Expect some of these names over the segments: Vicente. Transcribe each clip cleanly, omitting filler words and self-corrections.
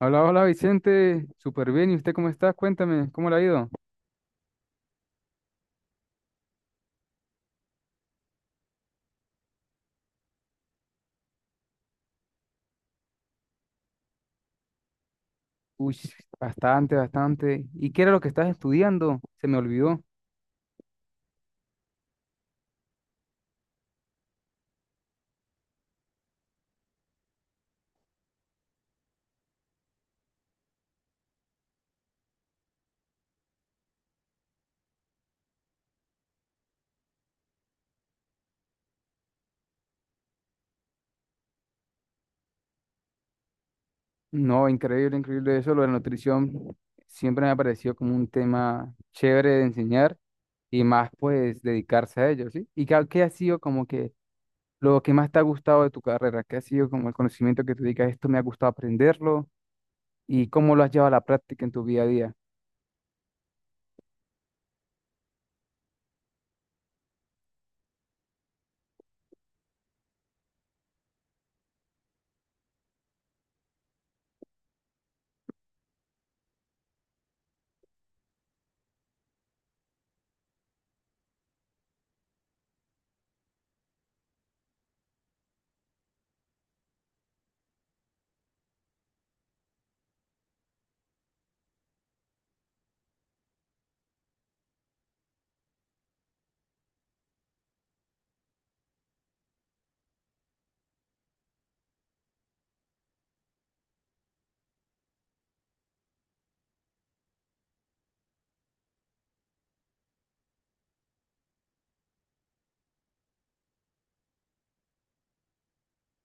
Hola, hola Vicente, súper bien. ¿Y usted cómo está? Cuéntame, ¿cómo le ha ido? Uy, bastante, bastante. ¿Y qué era lo que estás estudiando? Se me olvidó. No, increíble, increíble eso. Lo de la nutrición siempre me ha parecido como un tema chévere de enseñar y más pues dedicarse a ello, ¿sí? ¿Y qué, qué ha sido como que lo que más te ha gustado de tu carrera? ¿Qué ha sido como el conocimiento que te dedicas? Esto me ha gustado aprenderlo y cómo lo has llevado a la práctica en tu día a día.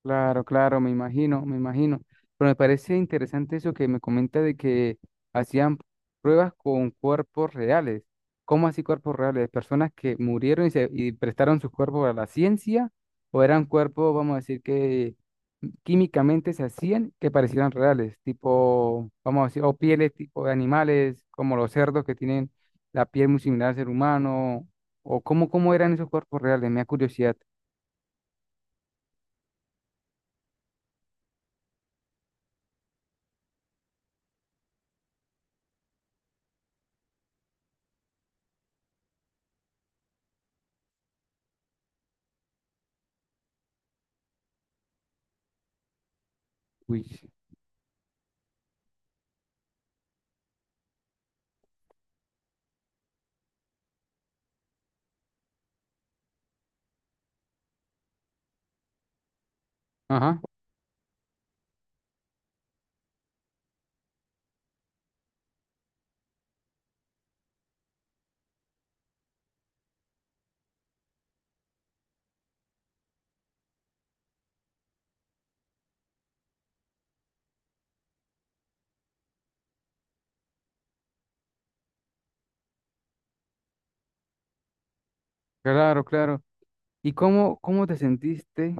Claro, claro, me imagino, me imagino. Pero me parece interesante eso que me comenta de que hacían pruebas con cuerpos reales. ¿Cómo así cuerpos reales? ¿Personas que murieron y, se, y prestaron sus cuerpos a la ciencia? ¿O eran cuerpos, vamos a decir, que químicamente se hacían que parecieran reales? Tipo, vamos a decir, o pieles tipo de animales, como los cerdos que tienen la piel muy similar al ser humano. ¿O cómo, cómo eran esos cuerpos reales? Me da curiosidad. Uy. Ajá. Claro, claro. ¿Y cómo, cómo te sentiste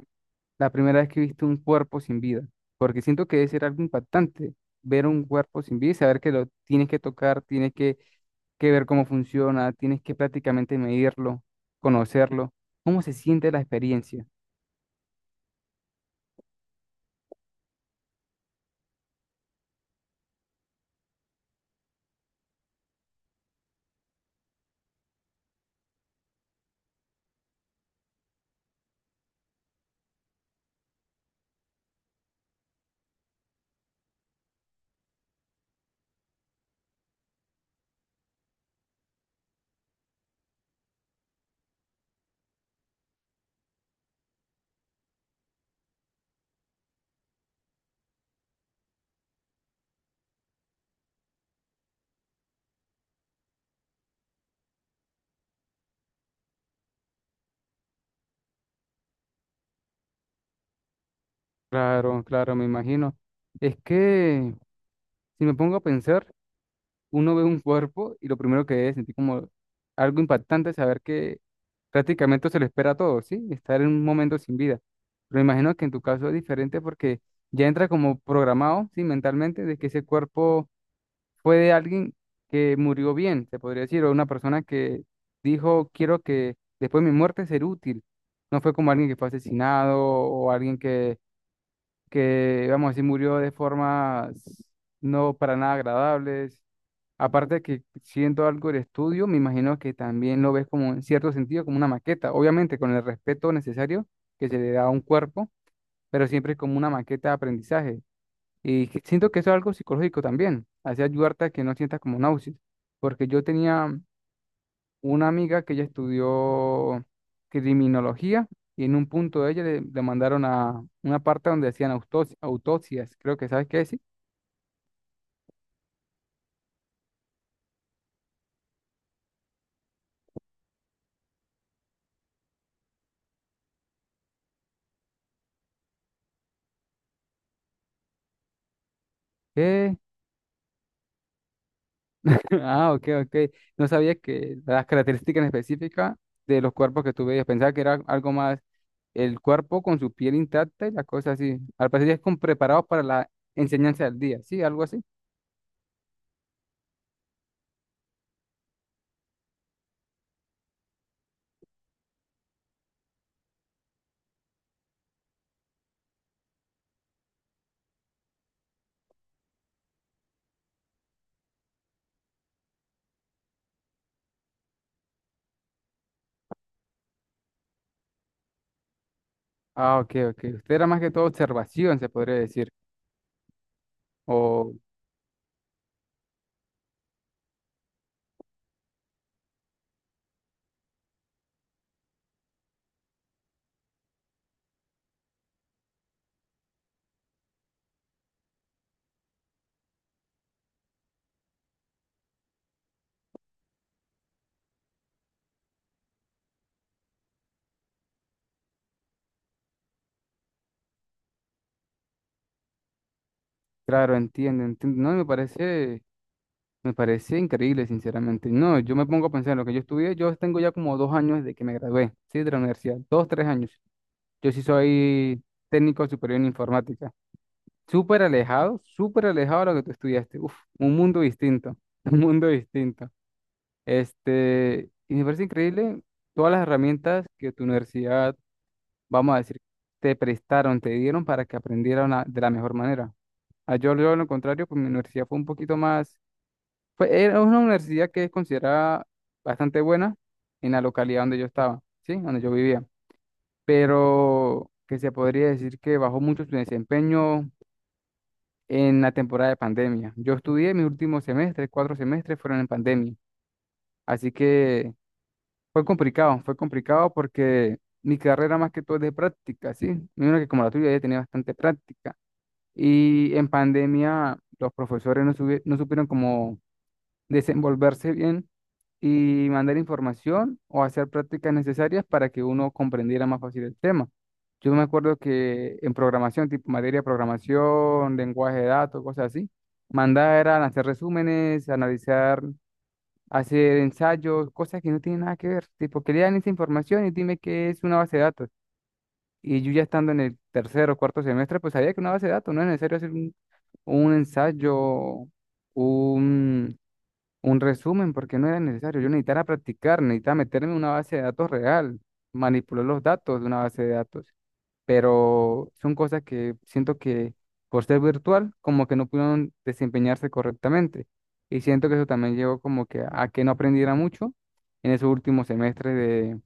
la primera vez que viste un cuerpo sin vida? Porque siento que debe ser algo impactante ver un cuerpo sin vida y saber que lo tienes que tocar, tienes que ver cómo funciona, tienes que prácticamente medirlo, conocerlo. ¿Cómo se siente la experiencia? Claro, claro, me imagino. Es que si me pongo a pensar, uno ve un cuerpo y lo primero que debe sentir como algo impactante es saber que prácticamente se lo espera a todos, ¿sí? Estar en un momento sin vida. Pero imagino que en tu caso es diferente porque ya entra como programado, ¿sí? Mentalmente, de que ese cuerpo fue de alguien que murió bien, se podría decir, o una persona que dijo, quiero que después de mi muerte ser útil. No fue como alguien que fue asesinado o alguien que, vamos a decir, murió de formas no para nada agradables. Aparte de que siento algo del estudio, me imagino que también lo ves como en cierto sentido, como una maqueta, obviamente con el respeto necesario que se le da a un cuerpo, pero siempre como una maqueta de aprendizaje. Y que siento que eso es algo psicológico también, hace ayudarte a que no sientas como náuseas, porque yo tenía una amiga que ella estudió criminología y en un punto de ella le mandaron a una parte donde hacían autopsias, creo que sabes qué decir. ¿Qué? Ah, ok, ok. No sabía que las características específicas de los cuerpos que tú veías. Pensaba que era algo más el cuerpo con su piel intacta y las cosas así. Al parecer ya es con preparados para la enseñanza del día, ¿sí? Algo así. Ah, ok, ok. Usted era más que todo observación, se podría decir. O, claro, entiendo, entiendo. No, me parece. Me parece increíble, sinceramente. No, yo me pongo a pensar en lo que yo estudié. Yo tengo ya como dos años desde que me gradué, ¿sí? De la universidad. Dos, tres años. Yo sí soy técnico superior en informática. Súper alejado de lo que tú estudiaste. Uf, un mundo distinto, un mundo distinto. Este, y me parece increíble todas las herramientas que tu universidad, vamos a decir, te prestaron, te dieron para que aprendieran de la mejor manera. Ah, lo contrario, pues mi universidad fue un poquito más era una universidad que es considerada bastante buena en la localidad donde yo estaba, ¿sí? Donde yo vivía. Pero que se podría decir que bajó mucho su desempeño en la temporada de pandemia. Yo estudié mis últimos semestres, cuatro semestres fueron en pandemia. Así que fue complicado porque mi carrera más que todo es de práctica, ¿sí? Mira que como la tuya ya tenía bastante práctica. Y en pandemia los profesores no supieron cómo desenvolverse bien y mandar información o hacer prácticas necesarias para que uno comprendiera más fácil el tema. Yo me acuerdo que en programación, tipo materia de programación, lenguaje de datos, cosas así, mandar eran hacer resúmenes, analizar, hacer ensayos, cosas que no tienen nada que ver. Tipo, que lean esa información y dime qué es una base de datos. Y yo ya estando en el tercer o cuarto semestre, pues sabía que una base de datos no es necesario hacer un ensayo, un, un resumen porque no era necesario. Yo necesitaba practicar, necesitaba meterme en una base de datos real, manipular los datos de una base de datos. Pero son cosas que siento que por ser virtual, como que no pudieron desempeñarse correctamente. Y siento que eso también llevó como que a que no aprendiera mucho en esos últimos semestres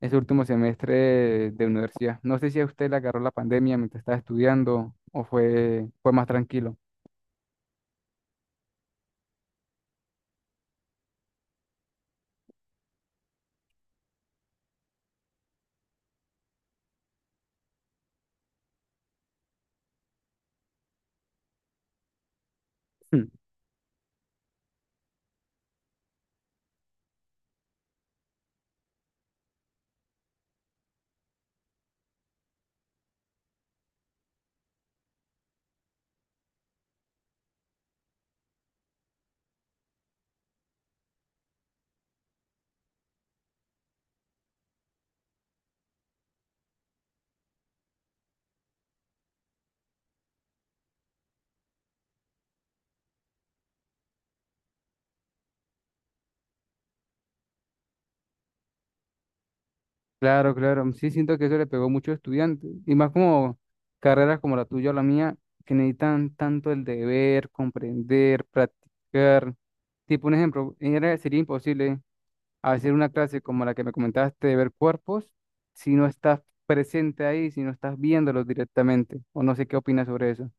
ese último semestre de universidad. No sé si a usted le agarró la pandemia mientras estaba estudiando o fue, fue más tranquilo. Claro, claro. Sí, siento que eso le pegó mucho a muchos estudiantes. Y más como carreras como la tuya o la mía, que necesitan tanto el deber, comprender, practicar. Tipo, un ejemplo, sería imposible hacer una clase como la que me comentaste de ver cuerpos si no estás presente ahí, si no estás viéndolos directamente. O no sé qué opinas sobre eso.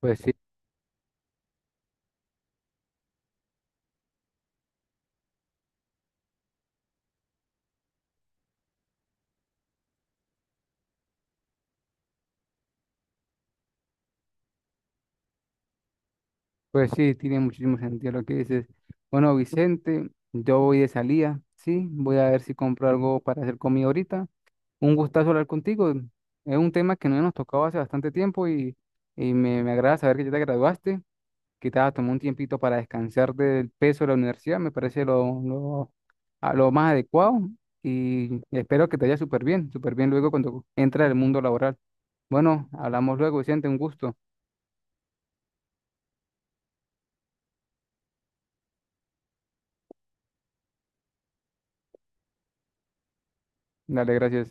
Pues sí, pues sí, tiene muchísimo sentido lo que dices. Bueno, Vicente, yo voy de salida, sí, voy a ver si compro algo para hacer comida ahorita. Un gustazo hablar contigo. Es un tema que no nos tocaba hace bastante tiempo y, me agrada saber que ya te graduaste, que te has tomado un tiempito para descansar del peso de la universidad. Me parece a lo más adecuado y espero que te vaya súper bien luego cuando entres al mundo laboral. Bueno, hablamos luego, Vicente, un gusto. Dale, gracias.